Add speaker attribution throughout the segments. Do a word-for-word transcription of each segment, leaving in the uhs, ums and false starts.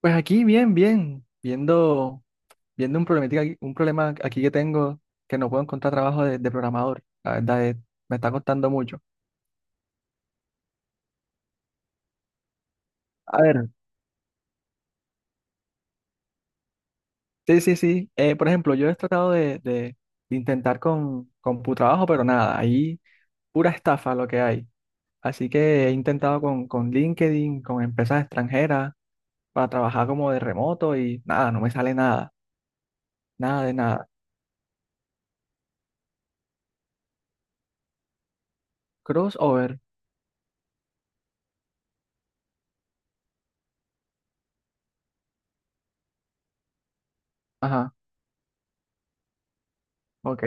Speaker 1: Pues aquí bien, bien, viendo, viendo un problemática, aquí- un problema aquí que tengo que no puedo encontrar trabajo de, de programador. La verdad es, me está costando mucho. A ver, sí, sí, sí. Eh, por ejemplo, yo he tratado de, de- de intentar con, con trabajo, pero nada, ahí pura estafa lo que hay. Así que he intentado con, con LinkedIn, con empresas extranjeras, para trabajar como de remoto y nada, no me sale nada, nada de nada. Crossover, ajá, ok,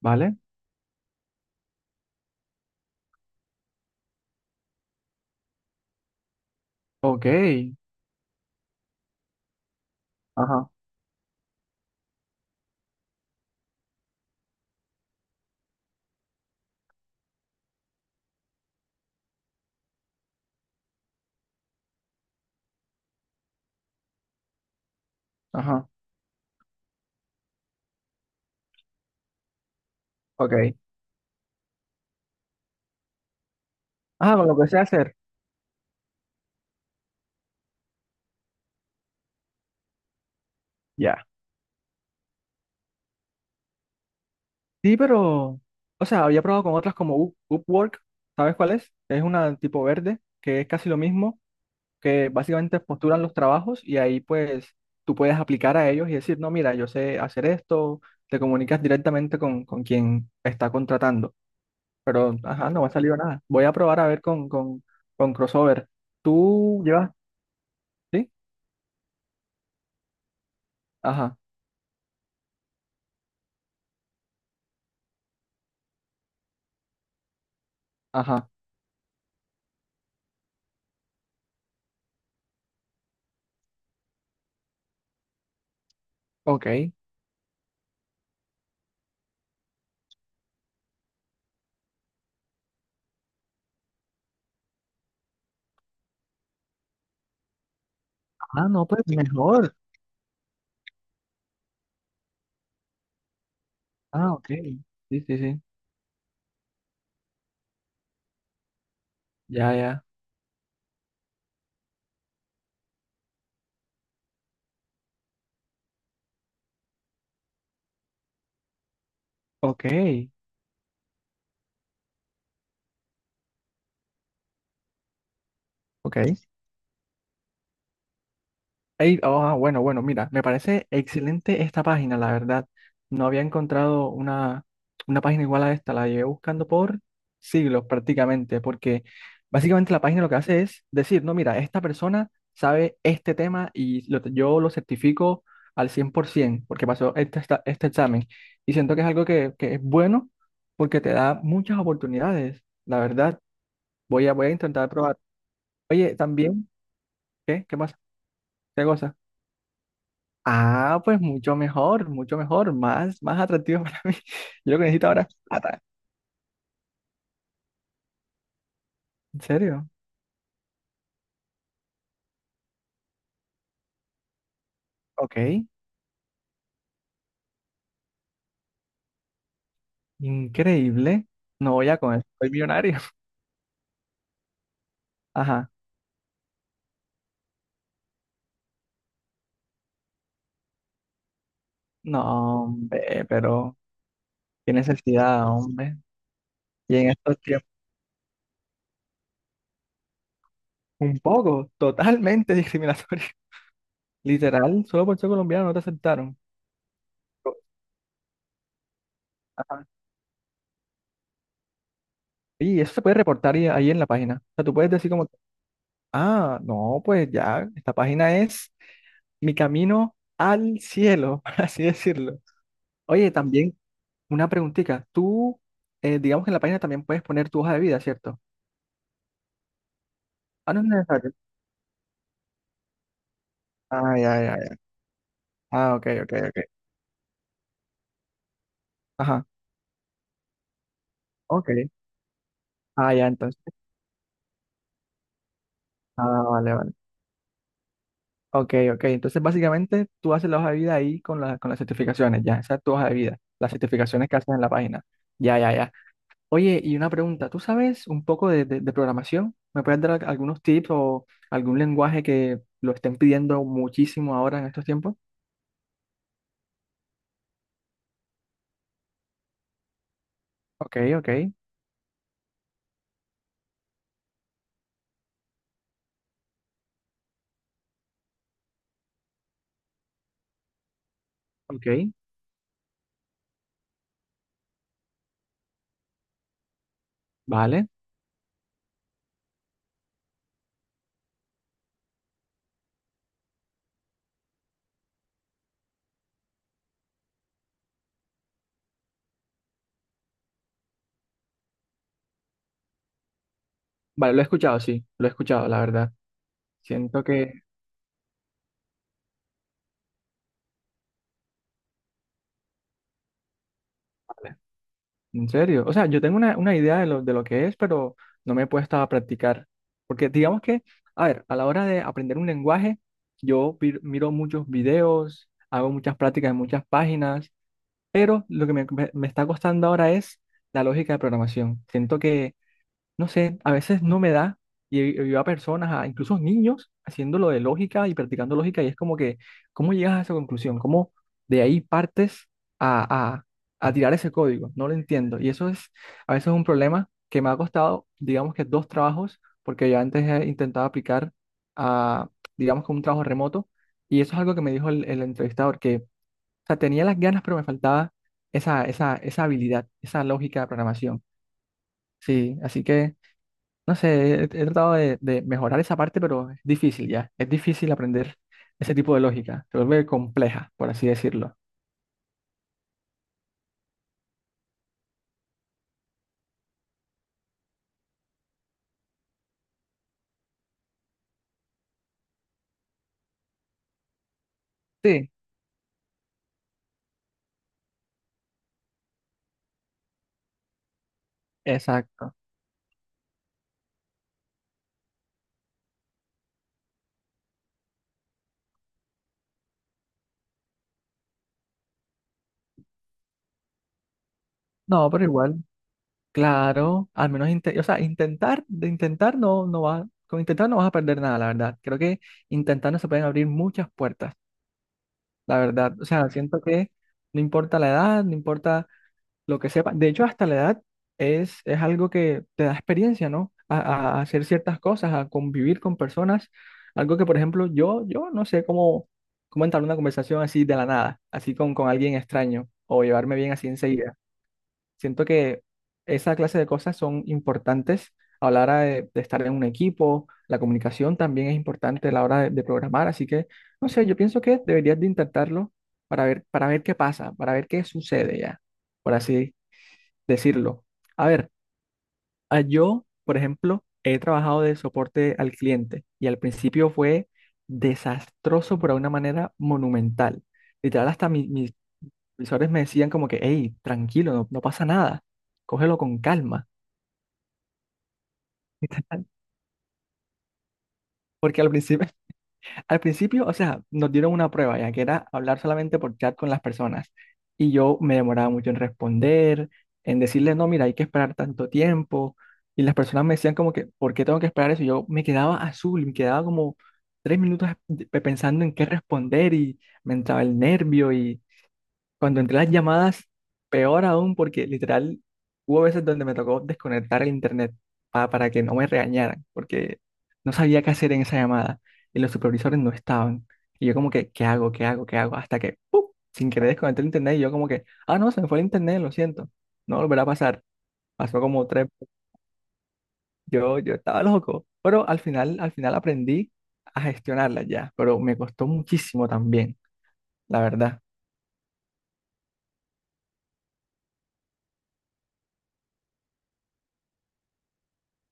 Speaker 1: vale, ok, ajá, ajá, ok. Ah, con lo que sé hacer. Ya. Sí, pero. O sea, había probado con otras como Up- Upwork. ¿Sabes cuál es? Es una tipo verde, que es casi lo mismo, que básicamente postulan los trabajos y ahí pues tú puedes aplicar a ellos y decir, no, mira, yo sé hacer esto, te comunicas directamente con, con quien está contratando. Pero, ajá, no me ha salido nada. Voy a probar a ver con, con, con Crossover. ¿Tú llevas? ¿Sí? Ajá, ajá. Ok. Ah, no, pues mejor. Ah, ok. Sí, sí, sí. Ya, ya. Ok, ok. Ey, ah, bueno, bueno, mira, me parece excelente esta página, la verdad. No había encontrado una, una página igual a esta, la llevé buscando por siglos prácticamente, porque básicamente la página lo que hace es decir, no, mira, esta persona sabe este tema y lo- yo lo certifico al cien por ciento porque pasó este, esta- este examen. Y siento que es algo que, que es bueno porque te da muchas oportunidades, la verdad. Voy a, voy a intentar probar. Oye, también, ¿qué? ¿Qué pasa? ¿Qué cosa? Ah, pues mucho mejor, mucho mejor, más, más atractivo para mí. Yo lo que necesito ahora es plata. ¿En serio? Ok, increíble. No voy a con eso, soy millonario. Ajá. No, hombre, pero qué necesidad, hombre. Y en estos tiempos, un poco, totalmente discriminatorio. Literal, solo por ser colombiano no te aceptaron. Ajá. Y eso se puede reportar ahí, ahí en la página. O sea, tú puedes decir como, ah, no, pues ya, esta página es mi camino al cielo, por así decirlo. Oye, también una preguntita. Tú, eh, digamos que en la página también puedes poner tu hoja de vida, ¿cierto? Ah, no es necesario. Ah, ya, ya, ya. Ah, ok, ok, ok. Ajá, ok. Ah, ya, entonces. Ah, vale, vale. Ok, ok. Entonces, básicamente, tú haces la hoja de vida ahí con, la- con las certificaciones, ya. Esa es tu hoja de vida. Las certificaciones que haces en la página. Ya, ya, ya. Oye, y una pregunta. ¿Tú sabes un poco de, de- de programación? ¿Me puedes dar al- algunos tips o algún lenguaje que lo estén pidiendo muchísimo ahora en estos tiempos? Ok, ok, ok. Vale. Vale, lo he escuchado, sí, lo he escuchado, la verdad. Siento que, vale, en serio, o sea, yo tengo una, una idea de lo, de lo que es, pero no me he puesto a practicar. Porque digamos que, a ver, a la hora de aprender un lenguaje, yo vi- miro muchos videos, hago muchas prácticas en muchas páginas, pero lo que me, me- me está costando ahora es la lógica de programación. Siento no sé, a veces no me da y he- veo a personas, a incluso niños, haciéndolo de lógica y practicando lógica y es como que, ¿cómo llegas a esa conclusión? ¿Cómo de ahí partes a, a, a tirar ese código? No lo entiendo. Y eso es a veces un problema que me ha costado, digamos que dos trabajos, porque yo antes he intentado aplicar a, digamos que un trabajo remoto y eso es algo que me dijo el, el entrevistador, que, o sea, tenía las ganas, pero me faltaba esa, esa, esa habilidad, esa lógica de programación. Sí, así que no sé, he, he tratado de, de mejorar esa parte, pero es difícil ya. Es difícil aprender ese tipo de lógica. Se vuelve compleja, por así decirlo. Sí, exacto. No, pero igual, claro, al menos, inte- o sea, intentar, de intentar no, no va, con intentar no vas a perder nada, la verdad. Creo que intentando se pueden abrir muchas puertas, la verdad. O sea, siento que no importa la edad, no importa lo que sepa. De hecho, hasta la edad es, es algo que te da experiencia, ¿no? A, a- a hacer ciertas cosas, a convivir con personas. Algo que, por ejemplo, yo, yo no sé cómo, cómo entablar una conversación así de la nada, así con, con alguien extraño o llevarme bien así enseguida. Siento que esa clase de cosas son importantes a la hora de, de estar en un equipo. La comunicación también es importante a la hora de, de programar. Así que, no sé, yo pienso que deberías de intentarlo para ver, para ver qué pasa, para ver qué sucede ya, por así decirlo. A ver, a- yo, por ejemplo, he trabajado de soporte al cliente y al principio fue desastroso, por una manera monumental. Literal, hasta mi- mis supervisores me decían como que, hey, tranquilo, no, no pasa nada, cógelo con calma. Porque al principio, al principio, o sea, nos dieron una prueba, ya que era hablar solamente por chat con las personas. Y yo me demoraba mucho en responder, en decirles, no, mira, hay que esperar tanto tiempo. Y las personas me decían como que, ¿por qué tengo que esperar eso? Y yo me quedaba azul, me quedaba como tres minutos de- pensando en qué responder y me entraba el nervio y cuando entré las llamadas, peor aún, porque literal hubo veces donde me tocó desconectar el internet pa- para que no me regañaran, porque no sabía qué hacer en esa llamada y los supervisores no estaban. Y yo como que, ¿qué hago? ¿Qué hago? ¿Qué hago? Hasta que, ¡pum! Sin querer desconecté el internet y yo como que, ah, no, se me fue el internet, lo siento, no volverá a pasar. Pasó como tres, yo, yo estaba loco, pero al final, al final aprendí a gestionarla ya, pero me costó muchísimo también, la verdad.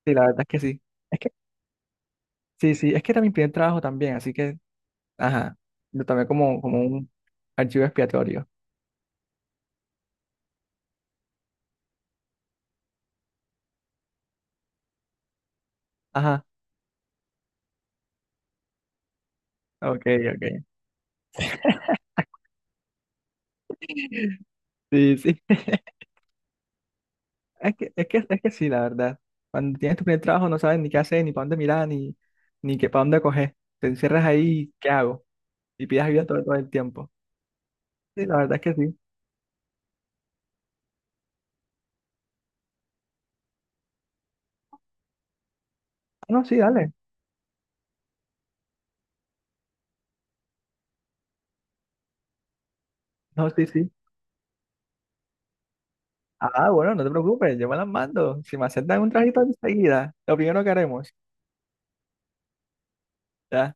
Speaker 1: Sí, la verdad es que sí. Sí, sí, es que era mi primer trabajo también, así que, ajá, lo tomé como, como un archivo expiatorio. Ajá, ok, ok. Sí, sí. Es que, es que, es que sí, la verdad. Cuando tienes tu primer trabajo no sabes ni qué hacer, ni para dónde mirar, ni, ni qué para dónde coger. Te encierras ahí, ¿qué hago? Y pides ayuda todo, todo el tiempo. Sí, la verdad es que sí. Ah, no, sí, dale. No, sí, sí. Ah, bueno, no te preocupes, yo me las mando. Si me aceptan un trajito enseguida, lo primero que haremos. Ya